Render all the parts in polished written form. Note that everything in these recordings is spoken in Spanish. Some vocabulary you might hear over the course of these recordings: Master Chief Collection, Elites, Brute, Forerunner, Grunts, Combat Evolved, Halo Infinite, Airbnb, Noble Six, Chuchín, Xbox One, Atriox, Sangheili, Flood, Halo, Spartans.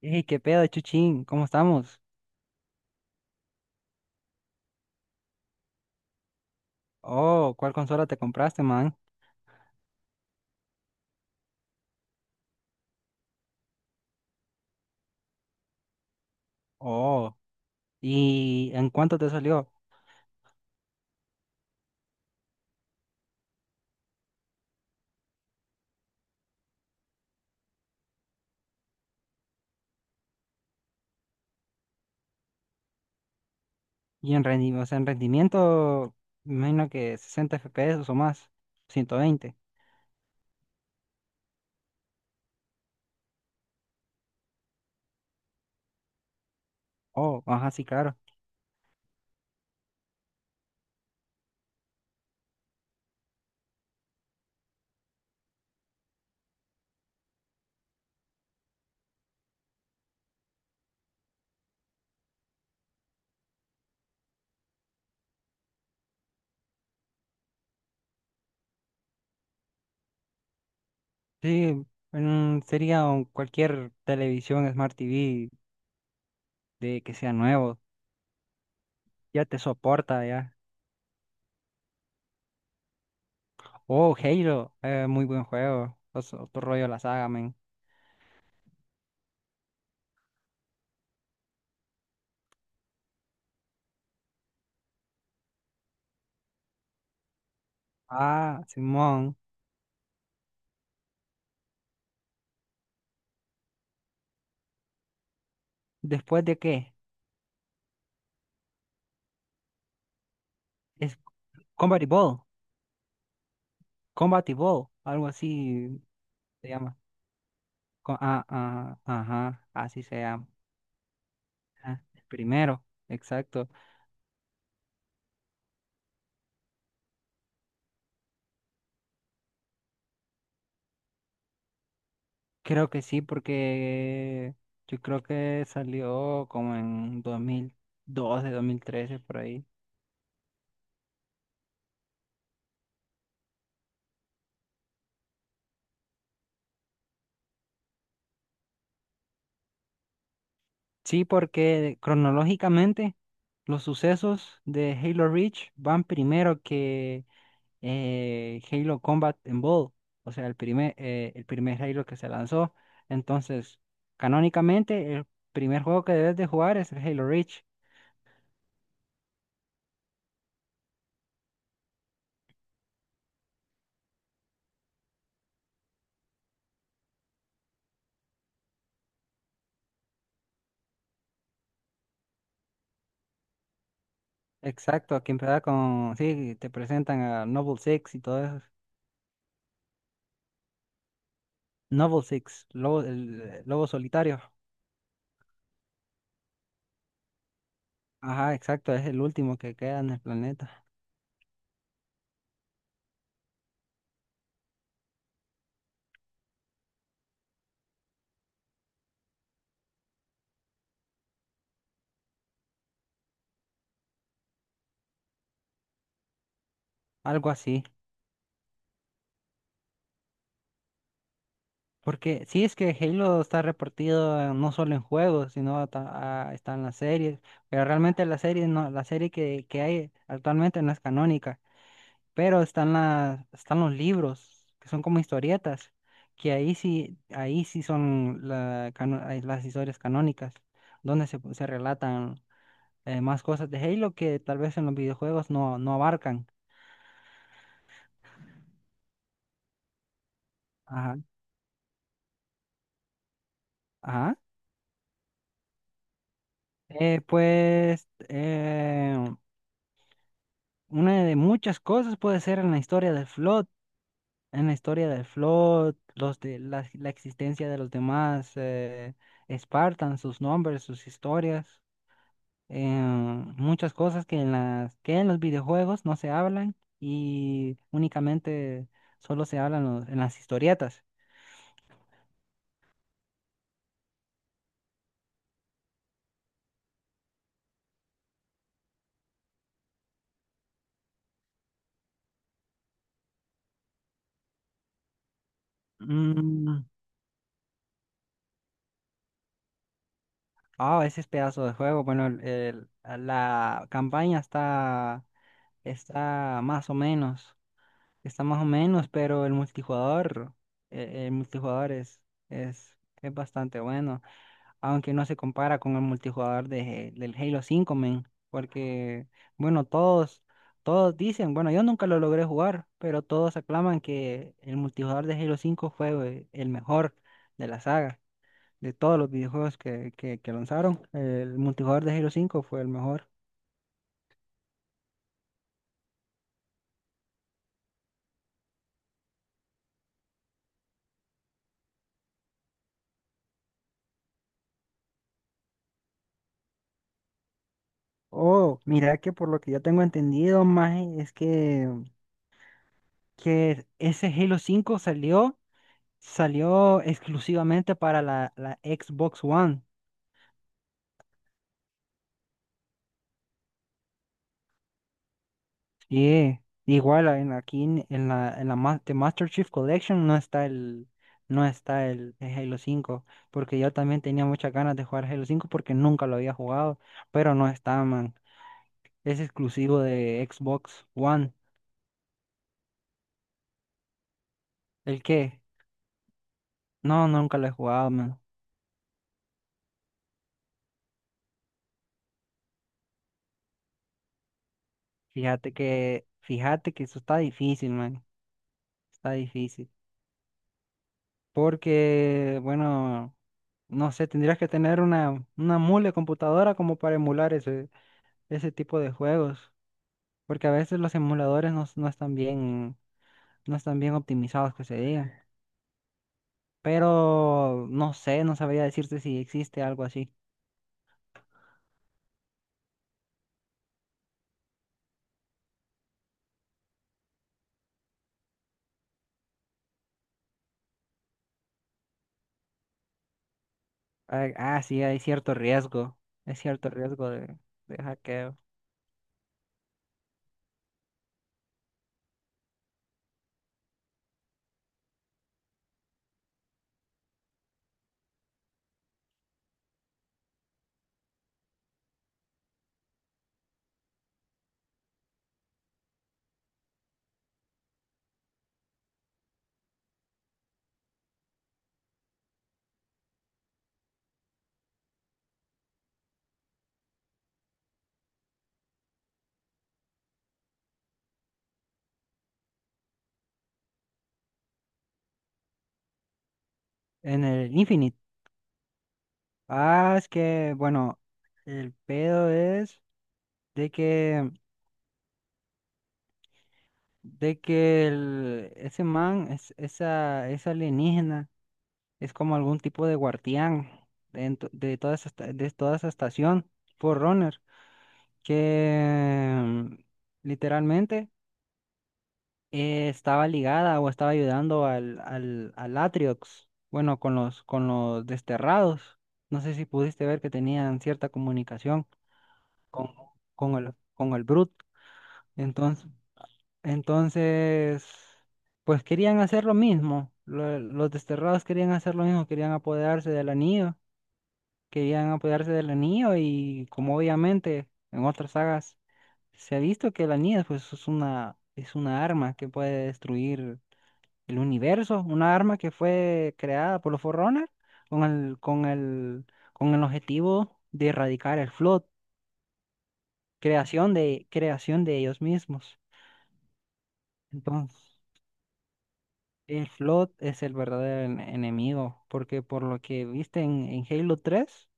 Ey, qué pedo, Chuchín, ¿cómo estamos? Oh, ¿cuál consola te compraste, man? Oh, ¿y en cuánto te salió? Y en rendimiento, o sea, en rendimiento, me imagino que 60 FPS o más, 120. Oh, ajá, sí, claro. Sí, sería cualquier televisión Smart TV de que sea nuevo, ya te soporta, ya. Oh, Halo, muy buen juego, es otro rollo la saga, man. Ah, Simón, ¿después de qué? Es Combat Ball. Combat Evolved, algo así se llama. Ajá, así se llama. Ah, el primero, exacto. Creo que sí, porque yo creo que salió como en 2012, 2013, por ahí. Sí, porque cronológicamente los sucesos de Halo Reach van primero que Halo Combat Evolved, o sea, el primer Halo que se lanzó. Entonces, canónicamente, el primer juego que debes de jugar es el Halo Reach. Exacto, aquí empieza con, sí, te presentan a Noble Six y todo eso. Noble Six, lobo, el lobo solitario. Ajá, exacto, es el último que queda en el planeta. Algo así. Porque sí es que Halo está repartido no solo en juegos, sino está en las series. Pero realmente la serie no, la serie que hay actualmente no es canónica. Pero están las, están los libros, que son como historietas, que ahí sí son la las historias canónicas, donde se relatan más cosas de Halo que tal vez en los videojuegos no, no abarcan. Ajá. Ajá. Eh, pues eh, Una de muchas cosas puede ser en la historia del Flood, en la historia del Flood, los de la existencia de los demás Spartans, sus nombres, sus historias, eh, muchas cosas que en las que en los videojuegos no se hablan y únicamente solo se hablan en las historietas. Mm. Ah, ese es pedazo de juego. Bueno, la campaña está más o menos. Está más o menos, pero el multijugador es, es bastante bueno, aunque no se compara con el multijugador del Halo 5, men, porque, bueno, todos dicen, bueno, yo nunca lo logré jugar, pero todos aclaman que el multijugador de Halo 5 fue el mejor de la saga, de todos los videojuegos que lanzaron, el multijugador de Halo 5 fue el mejor. Oh, mira que por lo que yo tengo entendido, más es que ese Halo 5 salió exclusivamente para la Xbox One. Sí, igual aquí en la de Master Chief Collection no está no está el Halo 5, porque yo también tenía muchas ganas de jugar Halo 5 porque nunca lo había jugado, pero no está, man. Es exclusivo de Xbox One. ¿El qué? No, nunca lo he jugado, man. Fíjate que eso está difícil, man. Está difícil. Porque, bueno, no sé, tendrías que tener una mule computadora como para emular ese, ese tipo de juegos. Porque a veces los emuladores no, no están bien, no están bien optimizados que se diga. Pero no sé, no sabría decirte si existe algo así. Ah, ah, sí, hay cierto riesgo. Es cierto riesgo de hackeo. En el Infinite. Ah, es que, bueno, el pedo es de que de que ese man, esa alienígena, es como algún tipo de guardián toda esa, de toda esa estación, Forerunner, que literalmente estaba ligada o estaba ayudando al Atriox, bueno, con con los desterrados. No sé si pudiste ver que tenían cierta comunicación con, con el Brute. Entonces. Entonces, pues querían hacer lo mismo. Los desterrados querían hacer lo mismo, querían apoderarse del anillo, querían apoderarse del anillo y como obviamente en otras sagas se ha visto que el anillo pues es una arma que puede destruir el universo, una arma que fue creada por los Forerunner con el con el objetivo de erradicar el Flood, creación de ellos mismos. Entonces, el Flood es el verdadero enemigo, porque por lo que viste en Halo 3,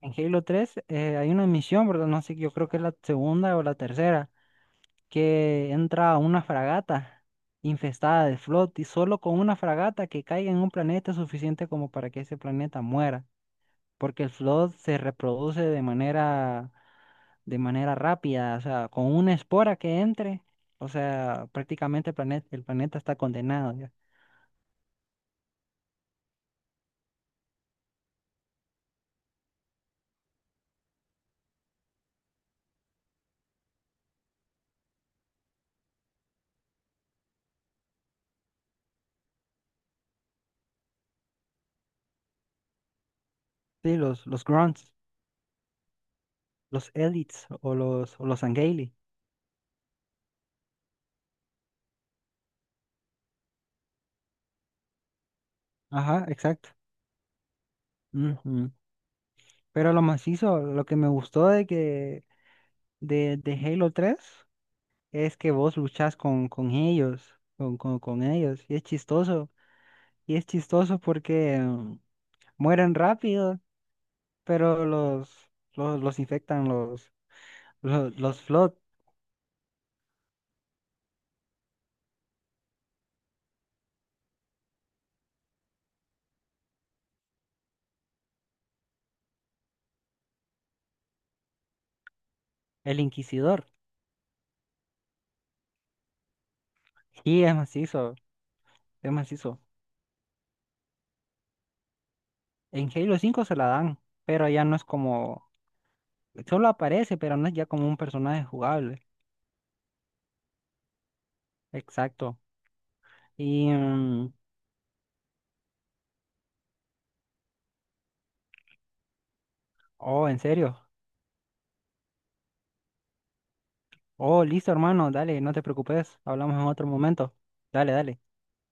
en Halo tres hay una misión, ¿verdad? No sé, yo creo que es la segunda o la tercera, que entra a una fragata infestada de Flood y solo con una fragata que caiga en un planeta es suficiente como para que ese planeta muera, porque el Flood se reproduce de manera rápida, o sea, con una espora que entre, o sea, prácticamente el planeta está condenado ya. Sí, los Grunts. Los Elites o los Sangheili. Ajá, exacto. Ujú. Pero lo macizo, lo que me gustó de Halo 3 es que vos luchás con ellos, con ellos. Y es chistoso. Y es chistoso porque mueren rápido, pero los infectan los Flood, el Inquisidor. Y es macizo, es macizo. En Halo 5 se la dan, pero ya no es como, solo aparece, pero no es ya como un personaje jugable. Exacto. Y, mm, oh, en serio. Oh, listo, hermano. Dale, no te preocupes. Hablamos en otro momento. Dale, dale.